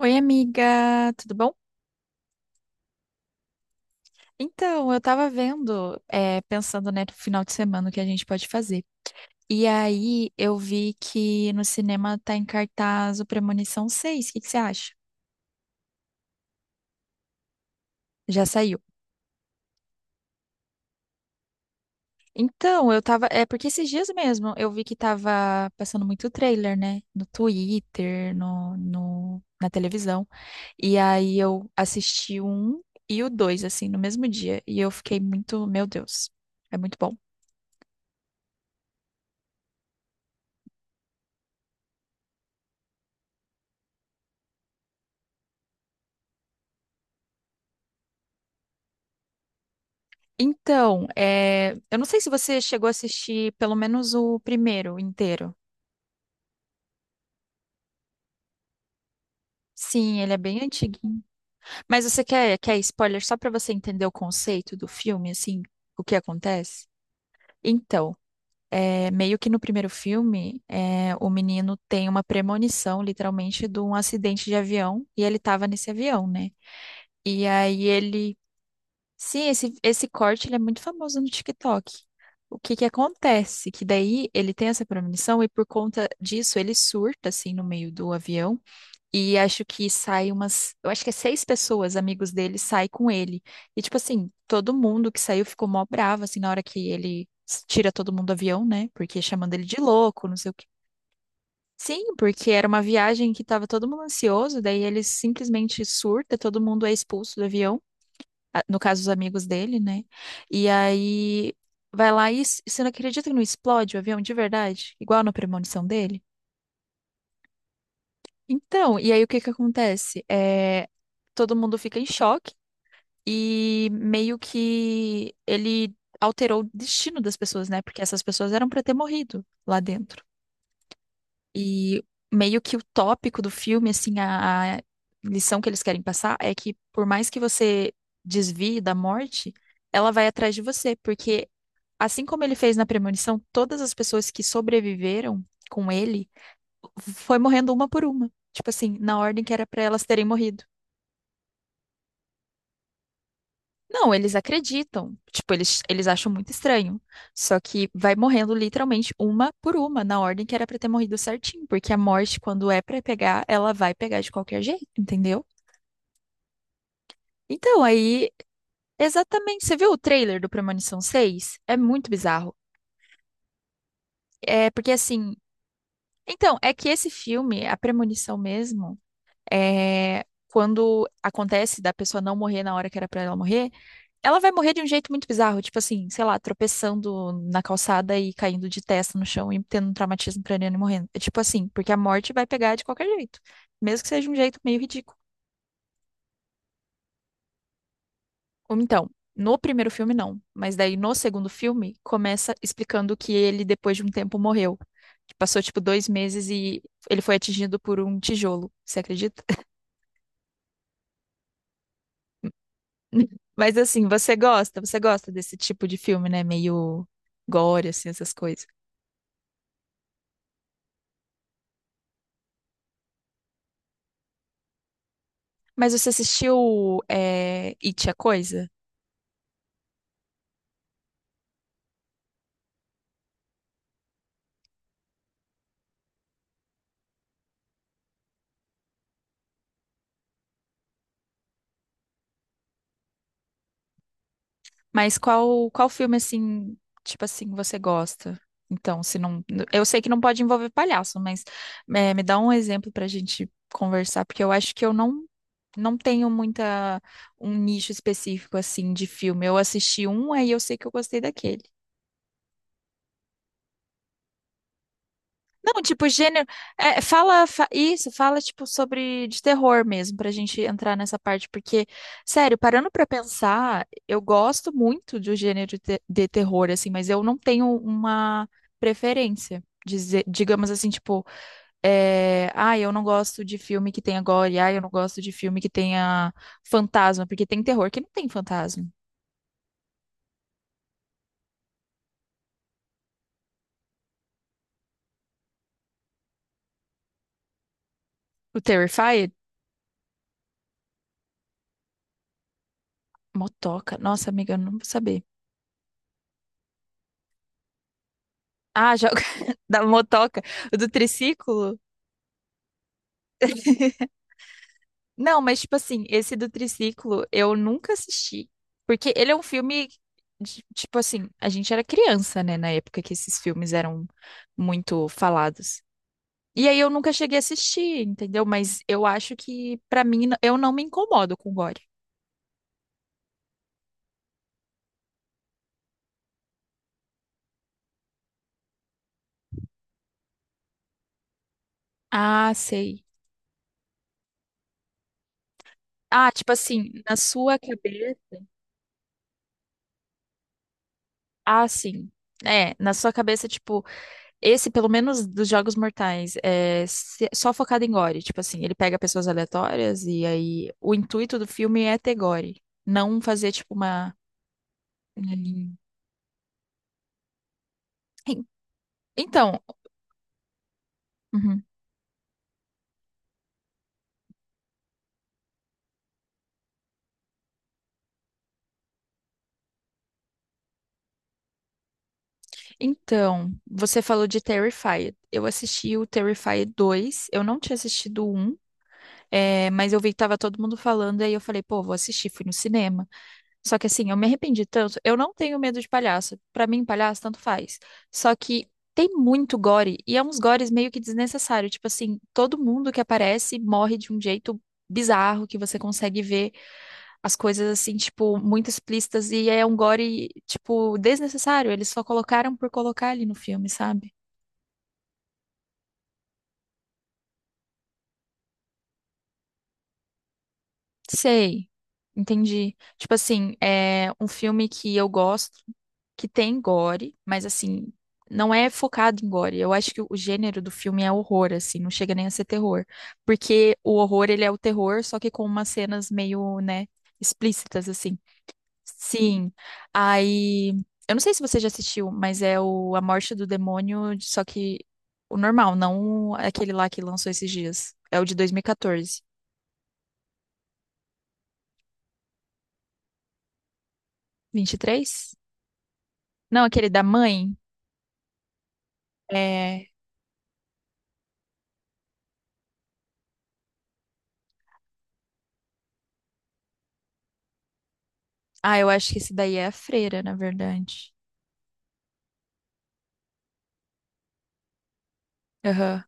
Oi, amiga, tudo bom? Então, eu tava vendo, pensando, né, no final de semana o que a gente pode fazer. E aí eu vi que no cinema tá em cartaz o Premonição seis. O que que você acha? Já saiu. Então, eu tava. É porque esses dias mesmo eu vi que tava passando muito trailer, né? No Twitter, na televisão. E aí eu assisti o um e o dois, assim, no mesmo dia. E eu fiquei muito, meu Deus, é muito bom. Então, eu não sei se você chegou a assistir pelo menos o primeiro inteiro. Sim, ele é bem antiguinho. Mas você quer spoiler só para você entender o conceito do filme, assim, o que acontece? Então, meio que no primeiro filme, o menino tem uma premonição, literalmente, de um acidente de avião, e ele estava nesse avião, né? E aí ele. Sim, esse corte ele é muito famoso no TikTok. O que que acontece? Que daí ele tem essa premonição e por conta disso ele surta assim no meio do avião e acho que sai umas, eu acho que é seis pessoas, amigos dele, sai com ele. E tipo assim, todo mundo que saiu ficou mó bravo assim na hora que tira todo mundo do avião, né? Porque chamando ele de louco, não sei o quê. Sim, porque era uma viagem que tava todo mundo ansioso, daí ele simplesmente surta, todo mundo é expulso do avião, no caso, os amigos dele, né? E aí vai lá você não acredita que não explode o avião de verdade? Igual na premonição dele? Então, e aí o que que acontece? Todo mundo fica em choque e meio que ele alterou o destino das pessoas, né? Porque essas pessoas eram para ter morrido lá dentro. E meio que o tópico do filme, assim, a lição que eles querem passar é que por mais que você desvie da morte, ela vai atrás de você, porque assim como ele fez na premonição, todas as pessoas que sobreviveram com ele foi morrendo uma por uma. Tipo assim, na ordem que era pra elas terem morrido. Não, eles acreditam. Tipo, eles acham muito estranho. Só que vai morrendo literalmente uma por uma, na ordem que era pra ter morrido certinho. Porque a morte, quando é pra pegar, ela vai pegar de qualquer jeito, entendeu? Então, aí, exatamente. Você viu o trailer do Premonição seis? É muito bizarro. É porque assim. Então, é que esse filme, A Premonição mesmo, quando acontece da pessoa não morrer na hora que era pra ela morrer, ela vai morrer de um jeito muito bizarro, tipo assim, sei lá, tropeçando na calçada e caindo de testa no chão e tendo um traumatismo craniano e morrendo. É tipo assim, porque a morte vai pegar de qualquer jeito, mesmo que seja um jeito meio ridículo. Ou então, no primeiro filme não, mas daí no segundo filme começa explicando que ele depois de um tempo morreu. Que passou tipo 2 meses e ele foi atingido por um tijolo, você acredita? Mas assim, você gosta desse tipo de filme, né? Meio gore, assim, essas coisas. Mas você assistiu It, a Coisa? Mas qual filme, assim, tipo assim, você gosta? Então, se não. Eu sei que não pode envolver palhaço, mas me dá um exemplo pra gente conversar, porque eu acho que eu não, não tenho muita, um nicho específico, assim, de filme. Eu assisti um, aí eu sei que eu gostei daquele. Não, tipo, gênero. Isso, fala, tipo, sobre de terror mesmo, pra gente entrar nessa parte, porque, sério, parando pra pensar, eu gosto muito do gênero de, de terror, assim, mas eu não tenho uma preferência. Dizer, digamos assim, tipo, ah, eu não gosto de filme que tenha gore, ah, eu não gosto de filme que tenha fantasma, porque tem terror que não tem fantasma. O Terrified, motoca. Nossa, amiga, eu não vou saber. Ah, já... da motoca, o do triciclo. Não, mas tipo assim, esse do triciclo eu nunca assisti, porque ele é um filme tipo assim, a gente era criança, né, na época que esses filmes eram muito falados. E aí eu nunca cheguei a assistir, entendeu? Mas eu acho que pra mim eu não me incomodo com gore. Ah, sei. Ah, tipo assim, na sua cabeça, ah, sim. É, na sua cabeça, tipo, esse, pelo menos dos Jogos Mortais, é só focado em gore. Tipo assim, ele pega pessoas aleatórias e aí o intuito do filme é ter gore. Não fazer, tipo, uma. Hum. En- Então, uhum. Então, você falou de Terrified. Eu assisti o Terrified dois. Eu não tinha assistido o 1, mas eu vi que tava todo mundo falando, aí eu falei, pô, vou assistir. Fui no cinema. Só que assim, eu me arrependi tanto. Eu não tenho medo de palhaço. Pra mim, palhaço tanto faz. Só que tem muito gore e é uns gores meio que desnecessário. Tipo assim, todo mundo que aparece morre de um jeito bizarro que você consegue ver as coisas assim, tipo, muito explícitas e é um gore, tipo, desnecessário. Eles só colocaram por colocar ali no filme, sabe? Sei, entendi. Tipo assim, é um filme que eu gosto, que tem gore, mas assim, não é focado em gore. Eu acho que o gênero do filme é horror, assim, não chega nem a ser terror. Porque o horror, ele é o terror, só que com umas cenas meio, né, explícitas, assim. Sim, aí. Eu não sei se você já assistiu, mas é o A Morte do Demônio, só que o normal, não aquele lá que lançou esses dias. É o de 2014. Vinte e três. Não, aquele da mãe? É... Ah, eu acho que esse daí é a freira, na verdade. Aham.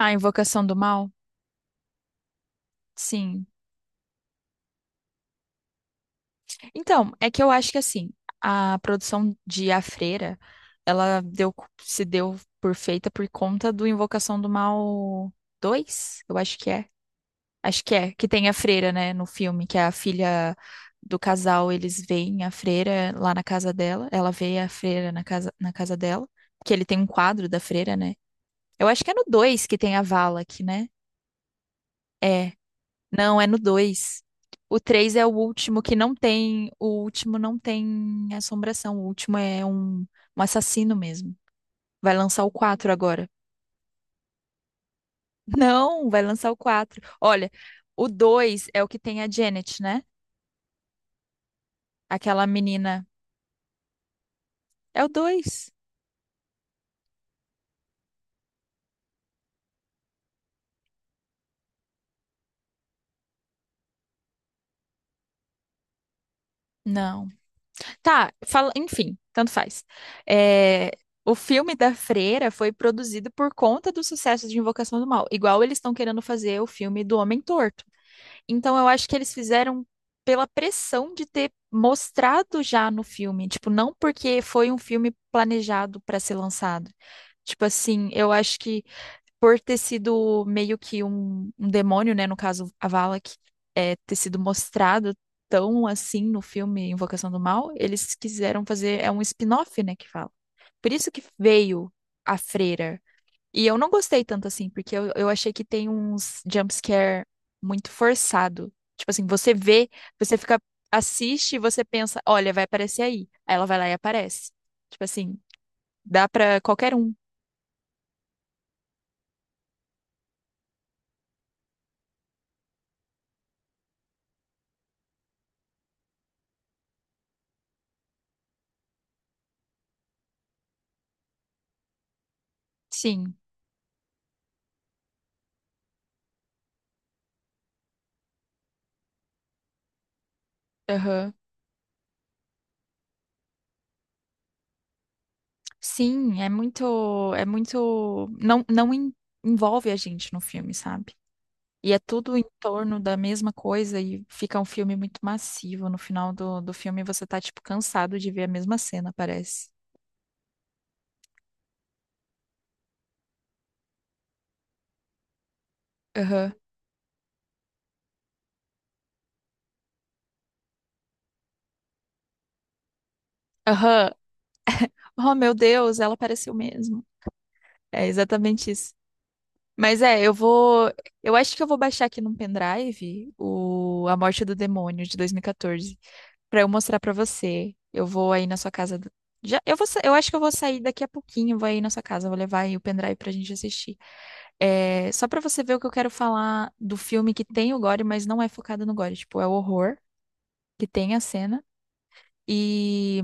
A Invocação do Mal? Sim. Então, é que eu acho que assim, a produção de A Freira, ela deu, se deu por feita por conta do Invocação do Mal dois. Eu acho que é. Acho que é, que tem a freira, né, no filme, que é a filha do casal, eles veem a freira lá na casa dela, ela vê a freira na casa dela, que ele tem um quadro da freira, né? Eu acho que é no 2 que tem a Valak, né? É. Não, é no 2. O 3 é o último que não tem. O último não tem assombração. O último é um assassino mesmo. Vai lançar o 4 agora. Não, vai lançar o 4. Olha, o 2 é o que tem a Janet, né? Aquela menina. É o 2? Não. Tá, fala, enfim, tanto faz. É, o filme da Freira foi produzido por conta do sucesso de Invocação do Mal, igual eles estão querendo fazer o filme do Homem Torto. Então eu acho que eles fizeram pela pressão de ter mostrado já no filme, tipo, não porque foi um filme planejado para ser lançado. Tipo assim, eu acho que por ter sido meio que um demônio, né? No caso, a Valak, ter sido mostrado tão assim no filme Invocação do Mal, eles quiseram fazer, é um spin-off, né, que fala. Por isso que veio a freira. E eu não gostei tanto assim, porque eu achei que tem uns jumpscare muito forçado. Tipo assim, você vê, você fica, assiste e você pensa, olha, vai aparecer aí. Aí ela vai lá e aparece. Tipo assim, dá pra qualquer um. Sim. Aham. Sim, é muito, não, não en- envolve a gente no filme, sabe? E é tudo em torno da mesma coisa e fica um filme muito massivo. No final do filme você tá, tipo, cansado de ver a mesma cena, parece. Aham. Aham. Oh, meu Deus, ela apareceu mesmo. É exatamente isso. Mas é, eu vou, eu acho que eu vou baixar aqui num pendrive o A Morte do Demônio de 2014 para eu mostrar para você. Eu vou aí na sua casa. Já, eu vou, eu acho que eu vou sair daqui a pouquinho, vou aí na sua casa, vou levar aí o pendrive pra gente assistir. É, só pra você ver o que eu quero falar do filme que tem o gore, mas não é focado no gore, tipo, é o horror que tem a cena. E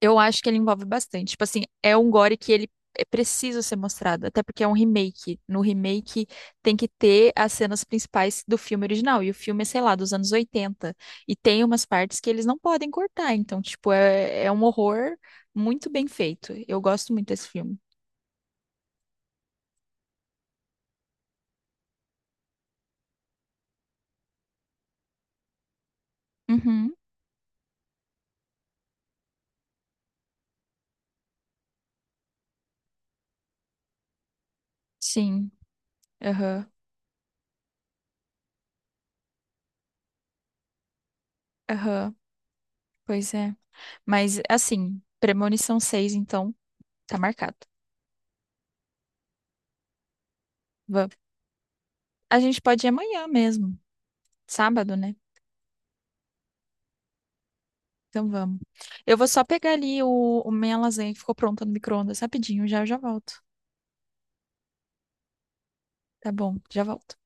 eu acho que ele envolve bastante. Tipo assim, é um gore que ele é preciso ser mostrado, até porque é um remake. No remake tem que ter as cenas principais do filme original, e o filme é, sei lá, dos anos 80. E tem umas partes que eles não podem cortar, então, tipo, é um horror muito bem feito. Eu gosto muito desse filme. Uhum, sim. Aham, aham, pois é. Mas, assim, Premonição seis, então, tá marcado. Va- A gente pode ir amanhã mesmo, sábado, né? Então vamos. Eu vou só pegar ali o minha lasanha que ficou pronta no micro-ondas rapidinho, já eu já volto. Tá bom, já volto.